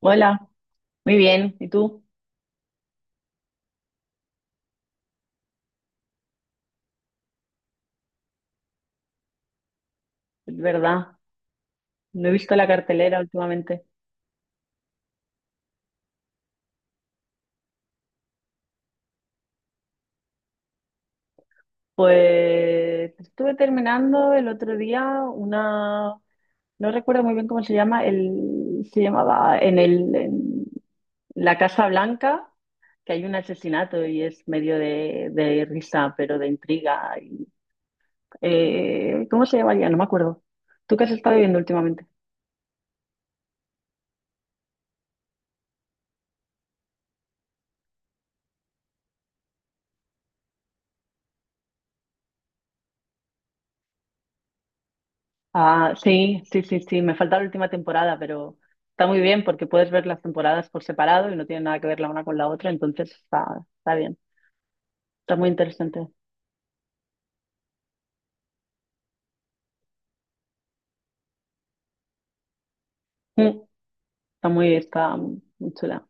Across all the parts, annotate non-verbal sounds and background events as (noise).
Hola, muy bien. ¿Y tú? Es ¿Verdad? No he visto la cartelera últimamente. Pues estuve terminando el otro día una, no recuerdo muy bien cómo se llama, se llamaba en la Casa Blanca, que hay un asesinato y es medio de risa, pero de intriga. ¿Cómo se llama ya? No me acuerdo. ¿Tú qué has estado viendo últimamente? Ah, sí, sí, sí, sí, me falta la última temporada, pero está muy bien porque puedes ver las temporadas por separado y no tienen nada que ver la una con la otra, entonces está bien, está muy interesante. Mm. Está muy chula.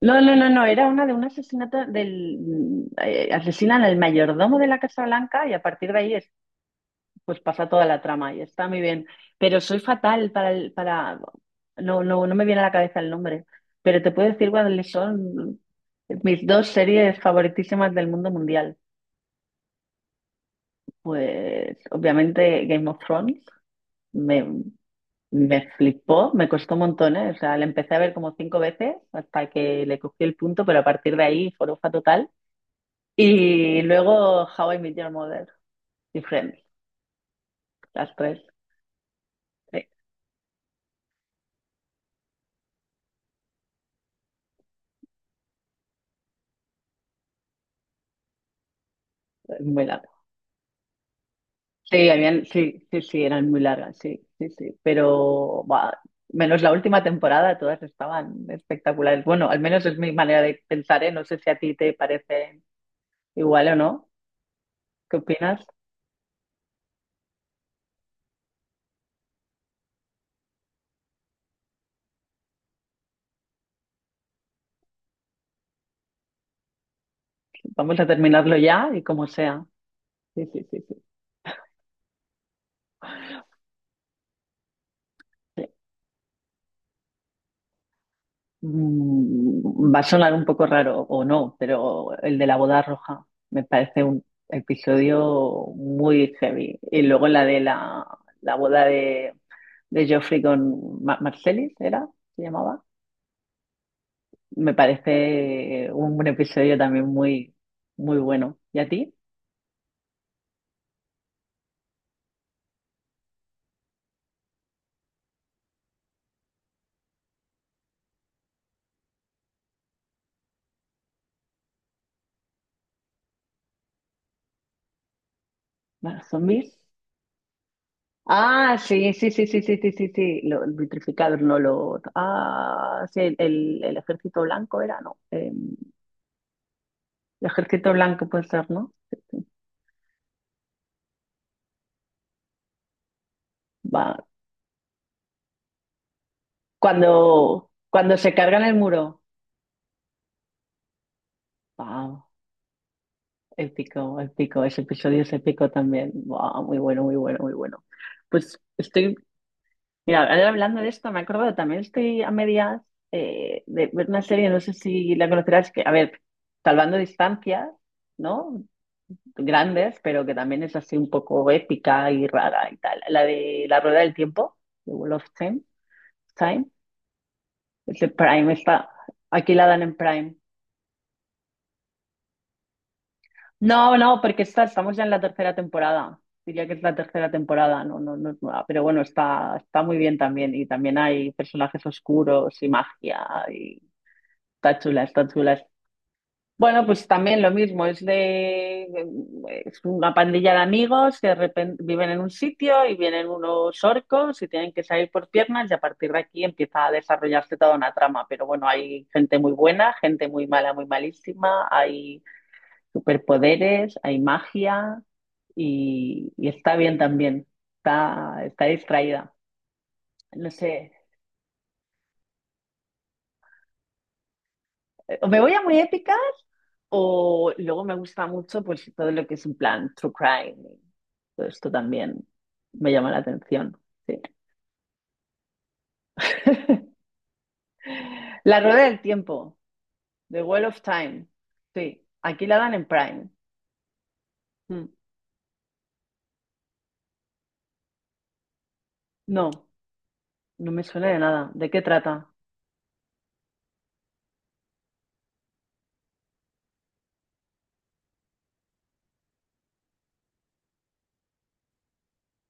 No, no, no, no, era una de un asesinato asesinan al mayordomo de la Casa Blanca y a partir de ahí es pues pasa toda la trama y está muy bien. Pero soy fatal para el, para no, no, no me viene a la cabeza el nombre, pero te puedo decir cuáles son mis dos series favoritísimas del mundo mundial. Pues obviamente Game of Thrones me, me flipó, me costó un montón, ¿eh? O sea, la empecé a ver como cinco veces hasta que le cogí el punto, pero a partir de ahí forofa total. Y luego How I Met Your Mother y Friends, las tres. Sí, muy largas. Sí, habían, sí, sí, sí, eran muy largas, sí, sí, sí. Pero buah, menos la última temporada, todas estaban espectaculares. Bueno, al menos es mi manera de pensar, ¿eh? No sé si a ti te parece igual o no. ¿Qué opinas? Vamos a terminarlo ya y como sea. Sí, sí, sí, sí, sí. Mm, va a sonar un poco raro o no, pero el de la boda roja me parece un episodio muy heavy. Y luego la de la boda de Joffrey con Marcellus, ¿era? ¿Se llamaba? Me parece un episodio también muy, muy bueno. ¿Y a ti? ¿Más zombies? Ah, sí, sí, sí, sí, sí, sí, sí, sí. El vitrificador, no lo. Ah, sí, el ejército blanco era, ¿no? El ejército blanco puede ser, ¿no? Sí, sí. Va. Cuando se cargan el muro. Wow, épico, épico. Ese episodio es épico también. Wow, muy bueno, muy bueno, muy bueno. Pues estoy Mira, ahora hablando de esto, me he acordado, también estoy a medias de ver una serie, no sé si la conocerás, que, a ver, salvando distancias, ¿no? Grandes, pero que también es así un poco épica y rara y tal. La de La Rueda del Tiempo, The Wheel of Time, es de Prime, aquí la dan en Prime. No, no, porque estamos ya en la tercera temporada. Diría que es la tercera temporada, no, no, no es nueva, pero bueno, está muy bien también. Y también hay personajes oscuros y magia. Está chula, está chula. Bueno, pues también lo mismo, es una pandilla de amigos que de repente viven en un sitio y vienen unos orcos y tienen que salir por piernas y a partir de aquí empieza a desarrollarse toda una trama. Pero bueno, hay gente muy buena, gente muy mala, muy malísima, hay superpoderes, hay magia y está bien también, está distraída. No sé, me voy a muy épica. O luego me gusta mucho pues todo lo que es en plan true crime. Todo esto también me llama la atención. Sí. (laughs) La rueda del tiempo, The Wheel of Time. Sí, aquí la dan en Prime. Mm. No, no me suena de nada. ¿De qué trata?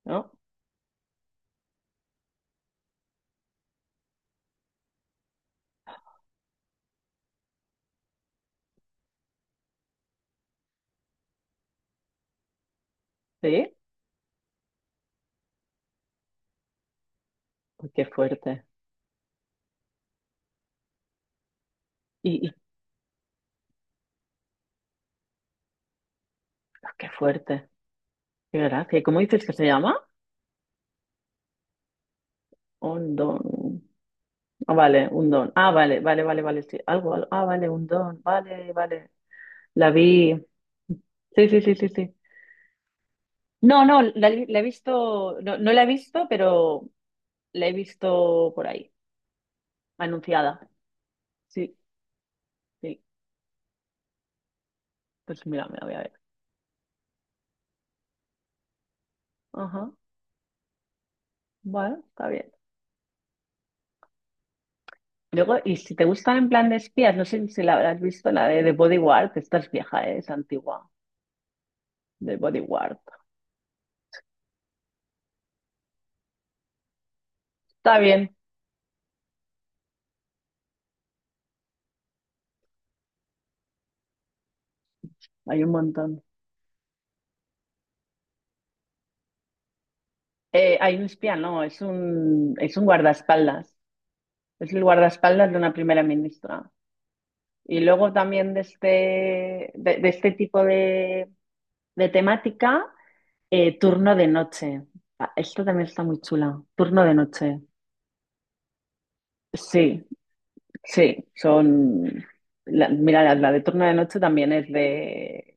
¿No? Sí. Uy, qué fuerte. Y, y- ah, qué fuerte. Qué gracia. ¿Cómo dices que se llama? Un don. Ah, vale, un don. Ah, vale, vale, vale, vale, sí. Algo, algo. Ah, vale, un don. Vale, vale. La vi. Sí, sí, sí, sí, sí. No, no, la he visto, no, no la he visto, pero la he visto por ahí, anunciada. Sí, sí, pues mira, me la voy a ver. Ajá, bueno, está bien. Luego, y si te gustan en plan de espías, no sé si la habrás visto, la de The Bodyguard, que esta es vieja, ¿eh? Es antigua, de Bodyguard. Está bien, hay un montón. Hay un espía, no, es un, guardaespaldas. Es el guardaespaldas de una primera ministra. Y luego también de este tipo de temática. Turno de noche. Ah, esta también está muy chula. Turno de noche. Sí, sí, mira, la de turno de noche también es de,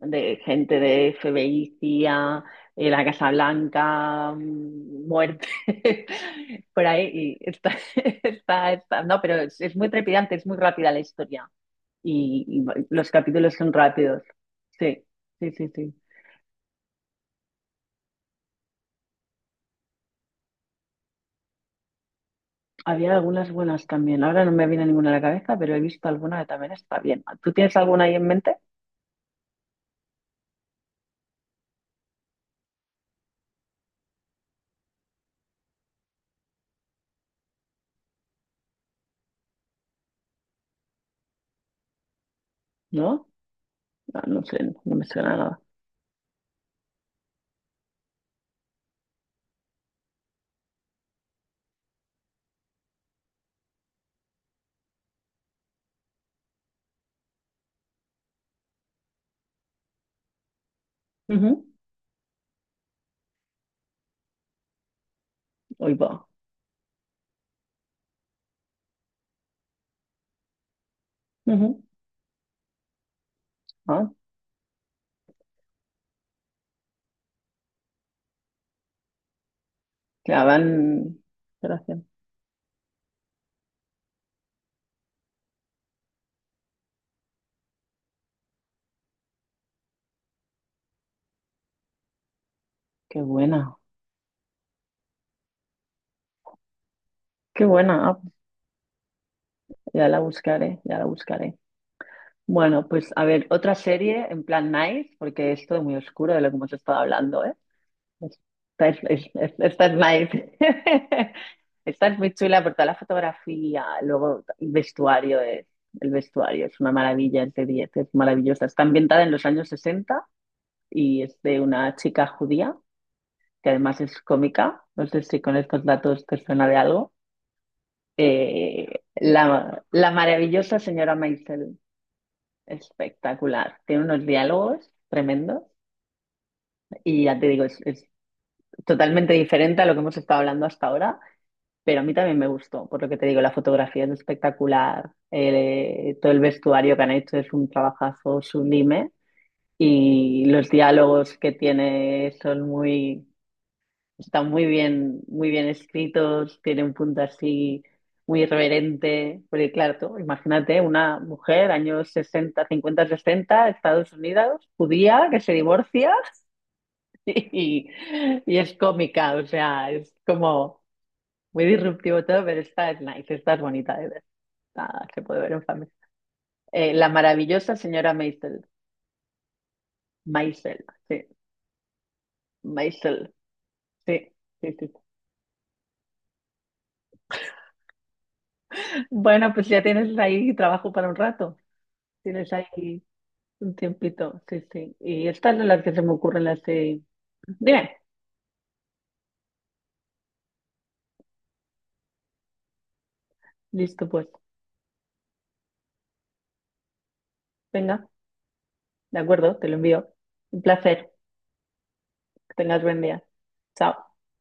de gente de FBI, CIA, la Casa Blanca, muerte, (laughs) por ahí. (laughs) No, pero es muy trepidante, es muy rápida la historia. Y los capítulos son rápidos. Sí, sí, sí, sí. Había algunas buenas también. Ahora no me viene ninguna a la cabeza, pero he visto alguna que también está bien. ¿Tú tienes alguna ahí en mente? ¿No? No, no sé, no me suena nada. Ujú. Hoy va. Ujú. Ah, ya van. Gracias. Qué buena. Qué buena. Ah, ya la buscaré, ya la buscaré. Bueno, pues a ver, otra serie en plan nice, porque es todo muy oscuro de lo que hemos estado hablando, ¿eh? Estás nice. (laughs) Estás muy chula por toda la fotografía. Luego, el vestuario es una maravilla, es de 10, es maravillosa. Está ambientada en los años 60 y es de una chica judía que además es cómica. No sé si con estos datos te suena de algo. Eh, la maravillosa señora Maisel, espectacular. Tiene unos diálogos tremendos y ya te digo, es totalmente diferente a lo que hemos estado hablando hasta ahora. Pero a mí también me gustó, por lo que te digo, la fotografía es espectacular, todo el vestuario que han hecho es un trabajazo sublime y los diálogos que tiene están muy bien escritos, tiene un punto así muy irreverente, porque claro, tú imagínate una mujer, años 60 50 60 Estados Unidos, judía, que se divorcia (laughs) y, y es cómica, o sea, es como... Muy disruptivo todo, pero está nice, está bonita de ver. Nada, se puede ver en familia. La maravillosa señora Maisel. Maisel, sí. Maisel, sí. Sí, sí. Bueno, pues ya tienes ahí trabajo para un rato. Tienes ahí un tiempito, sí, sí. Y estas son las que se me ocurren las de... Dime, listo pues. Venga, de acuerdo, te lo envío. Un placer. Que tengas buen día. Chao.